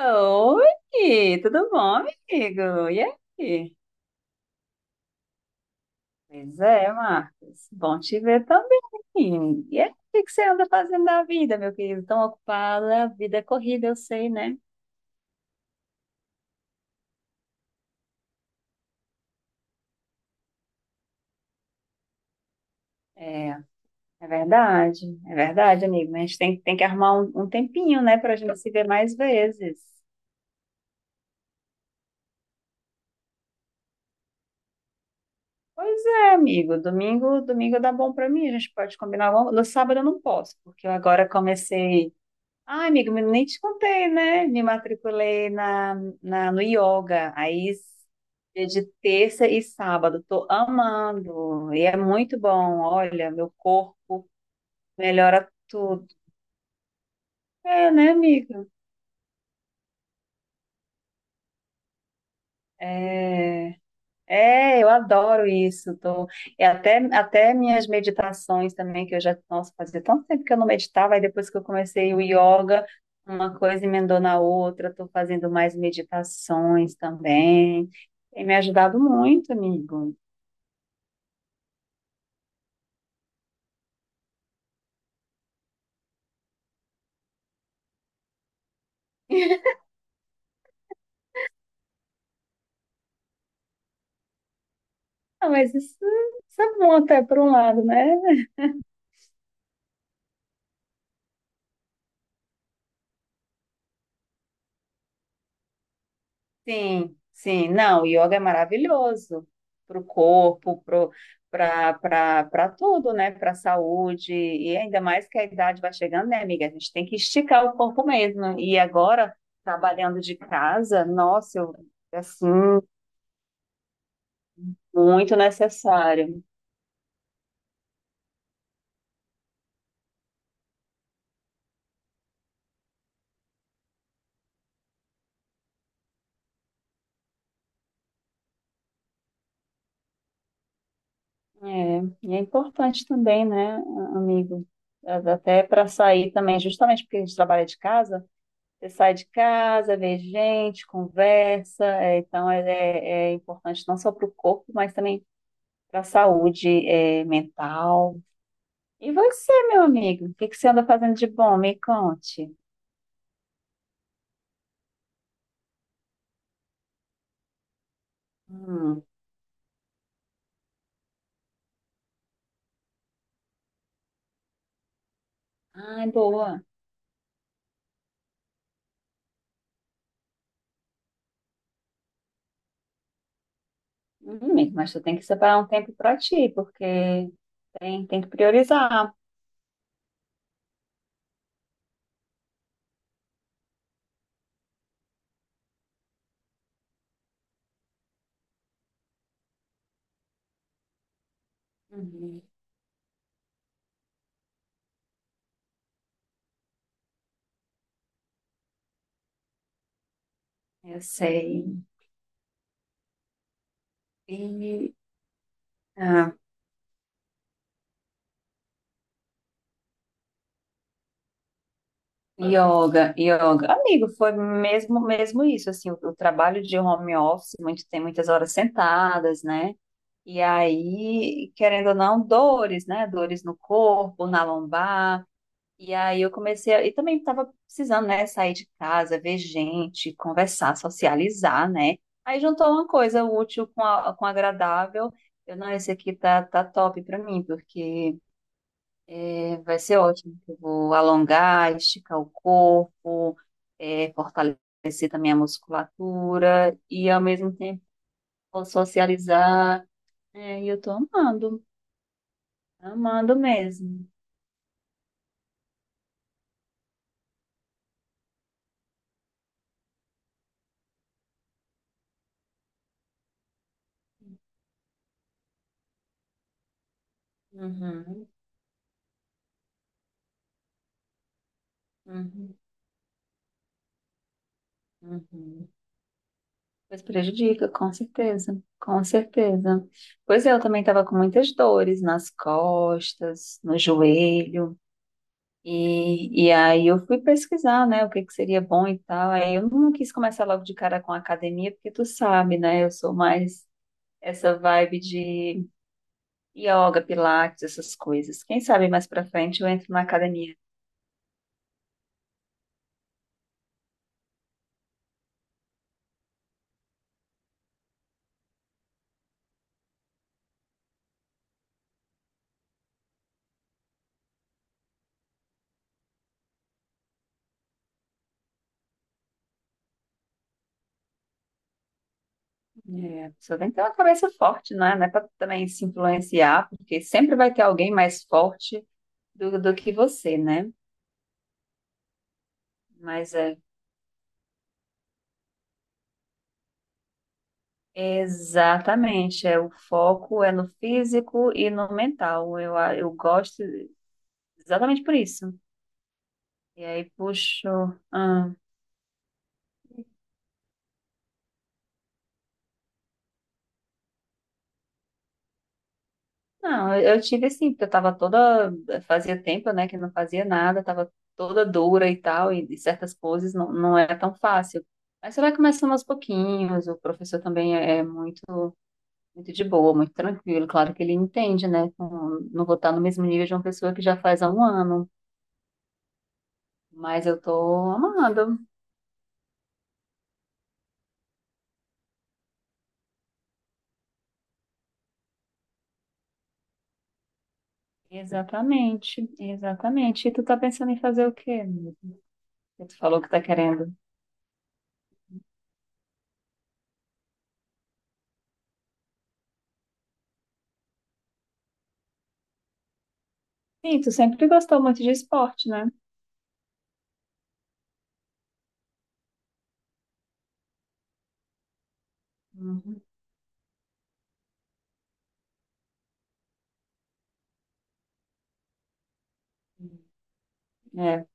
Oi, tudo bom, amigo? E aí? Pois é, Marcos. Bom te ver também. E aí, o que que você anda fazendo da vida, meu querido? Tão ocupada, vida é corrida, eu sei, né? É, é verdade, é verdade, amigo. Mas a gente tem que arrumar um tempinho, né, pra gente se ver mais vezes. Pois é, amigo. Domingo, domingo dá bom pra mim. A gente pode combinar alguma. No sábado eu não posso, porque eu agora comecei. Ah, amigo, mas nem te contei, né? Me matriculei no yoga. Aí, dia de terça e sábado. Tô amando. E é muito bom. Olha, meu corpo melhora tudo. É, né, amiga? É. É, eu adoro isso. Tô. E até minhas meditações também, que eu já, nossa, fazia tanto tempo que eu não meditava, e depois que eu comecei o yoga, uma coisa emendou na outra, estou fazendo mais meditações também. Tem me ajudado muito, amigo. Ah, mas isso é bom até por um lado, né? Sim, sim. Não, o yoga é maravilhoso para o corpo, para para tudo, né? Para a saúde. E ainda mais que a idade vai chegando, né, amiga? A gente tem que esticar o corpo mesmo. E agora, trabalhando de casa, nossa, eu, assim, muito necessário. É, e é importante também, né, amigo? Até para sair também, justamente porque a gente trabalha de casa. Você sai de casa, vê gente, conversa, é, então é, é importante não só para o corpo, mas também para a saúde, é, mental. E você, meu amigo, o que que você anda fazendo de bom? Me conte. Hum. Ai, boa. Amigo, mas tu tem que separar um tempo para ti, porque tem que priorizar. Uhum. Eu sei. E, ah, Yoga, yoga. Amigo, foi mesmo mesmo isso, assim, o trabalho de home office, muito, tem muitas horas sentadas, né? E aí, querendo ou não, dores, né? Dores no corpo, na lombar. E aí eu comecei, e também estava precisando, né, sair de casa, ver gente, conversar, socializar, né? Aí juntou uma coisa útil com agradável. Eu, não, Esse aqui tá top pra mim, porque vai ser ótimo. Que Eu vou alongar, esticar o corpo, fortalecer também a musculatura e ao mesmo tempo vou socializar. É, e eu tô amando, amando mesmo. Uhum, uhum, uhum. Mas prejudica, com certeza, com certeza. Pois é, eu também estava com muitas dores nas costas, no joelho. E aí eu fui pesquisar, né, o que que seria bom e tal. Aí eu não quis começar logo de cara com academia, porque tu sabe, né, eu sou mais essa vibe de yoga, pilates, essas coisas. Quem sabe mais pra frente eu entro na academia. É, a pessoa tem que ter uma cabeça forte, né, não é pra também se influenciar, porque sempre vai ter alguém mais forte do que você, né? Mas é exatamente, é o foco é no físico e no mental. Eu gosto exatamente por isso. E aí puxou. Ah, não, eu tive assim, porque eu tava toda. Fazia tempo, né, que não fazia nada, tava toda dura e tal, e certas poses não é tão fácil. Mas você vai começando aos pouquinhos, o professor também é muito, muito de boa, muito tranquilo. Claro que ele entende, né? Não vou estar no mesmo nível de uma pessoa que já faz há 1 ano, mas eu tô amando. Exatamente, exatamente. E tu tá pensando em fazer o quê? Tu falou que tá querendo. Sim, tu sempre gostou muito de esporte, né? Uhum. É.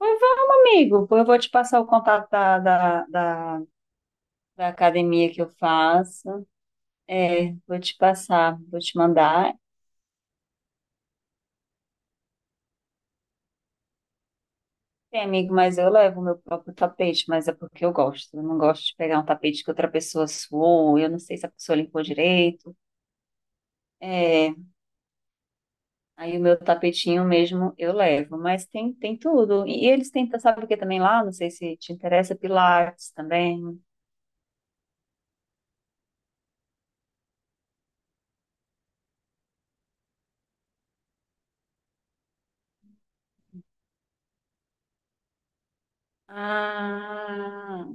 Mas vamos, amigo. Eu vou te passar o contato da academia que eu faço. É, vou te passar, vou te mandar. Tem, amigo, mas eu levo o meu próprio tapete, mas é porque eu gosto. Eu não gosto de pegar um tapete que outra pessoa suou, eu não sei se a pessoa limpou direito. É, aí o meu tapetinho mesmo eu levo, mas tem tudo. E eles têm, sabe o que também lá? Não sei se te interessa, Pilates também. Ah.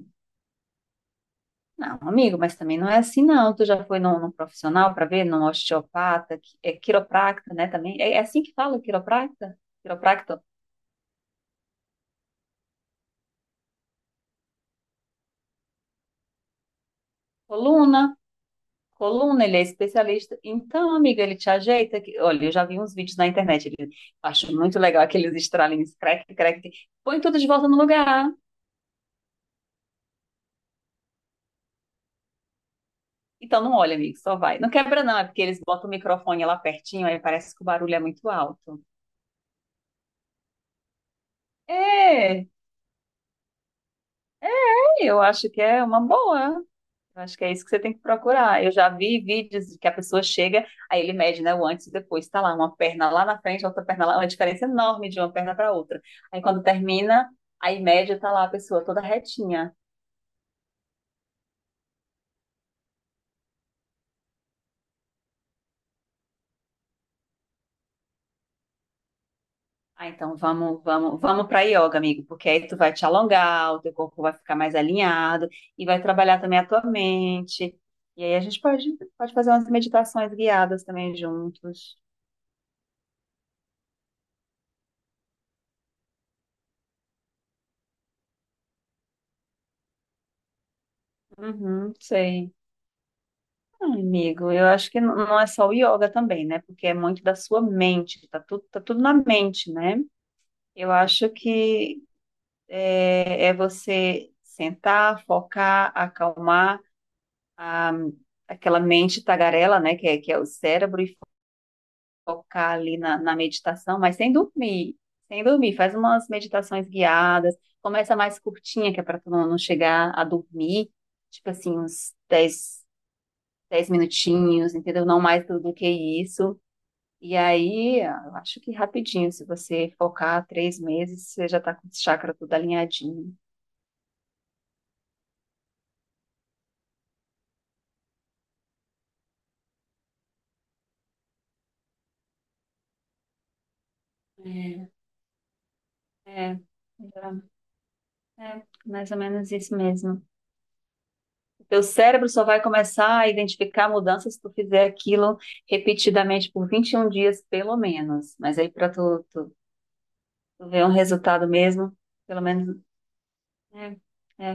Não, amigo, mas também não é assim, não. Tu já foi num profissional para ver, num osteopata, é quiropracta, né? Também é assim que fala, quiropracta? Quiropracta, coluna, coluna, ele é especialista. Então, amiga, ele te ajeita. Olha, eu já vi uns vídeos na internet. Eu acho muito legal aqueles estralinhos, crack, crack. Põe tudo de volta no lugar. Então, não, olha, amigo, só vai. Não quebra, não, é porque eles botam o microfone lá pertinho, aí parece que o barulho é muito alto. É, eu acho que é uma boa. Eu acho que é isso que você tem que procurar. Eu já vi vídeos que a pessoa chega, aí ele mede, né, o antes e depois. Tá lá, uma perna lá na frente, outra perna lá, uma diferença enorme de uma perna para outra. Aí quando termina, aí média tá lá a pessoa toda retinha. Ah, então vamos, vamos, vamos para yoga, amigo, porque aí tu vai te alongar, o teu corpo vai ficar mais alinhado e vai trabalhar também a tua mente. E aí a gente pode fazer umas meditações guiadas também juntos. Uhum, sei. Não, amigo, eu acho que não é só o yoga também, né? Porque é muito da sua mente, tá tudo na mente, né? Eu acho que é você sentar, focar, acalmar a, aquela mente tagarela, né? Que é o cérebro, e focar ali na meditação, mas sem dormir, sem dormir. Faz umas meditações guiadas, começa mais curtinha, que é para tu não chegar a dormir, tipo assim, uns dez minutinhos, entendeu? Não mais do que isso. E aí, eu acho que rapidinho, se você focar 3 meses, você já tá com o chakra tudo alinhadinho. É, é, é, é, mais ou menos isso mesmo. O teu cérebro só vai começar a identificar mudanças se tu fizer aquilo repetidamente por 21 dias, pelo menos. Mas aí, para tu, tu ver um resultado mesmo, pelo menos, é,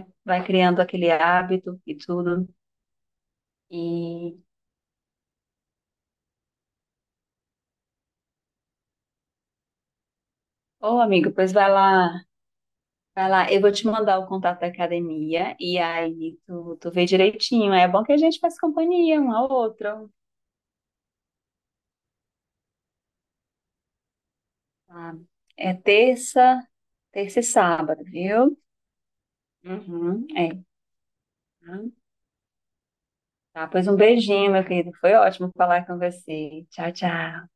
vai criando aquele hábito e tudo. E, ô amigo, pois vai lá. Vai lá, eu vou te mandar o contato da academia e aí tu vê direitinho. É bom que a gente faz companhia um ao outro. Tá? É terça, terça e sábado, viu? Uhum, é. Tá, pois um beijinho, meu querido. Foi ótimo falar com você. Tchau, tchau.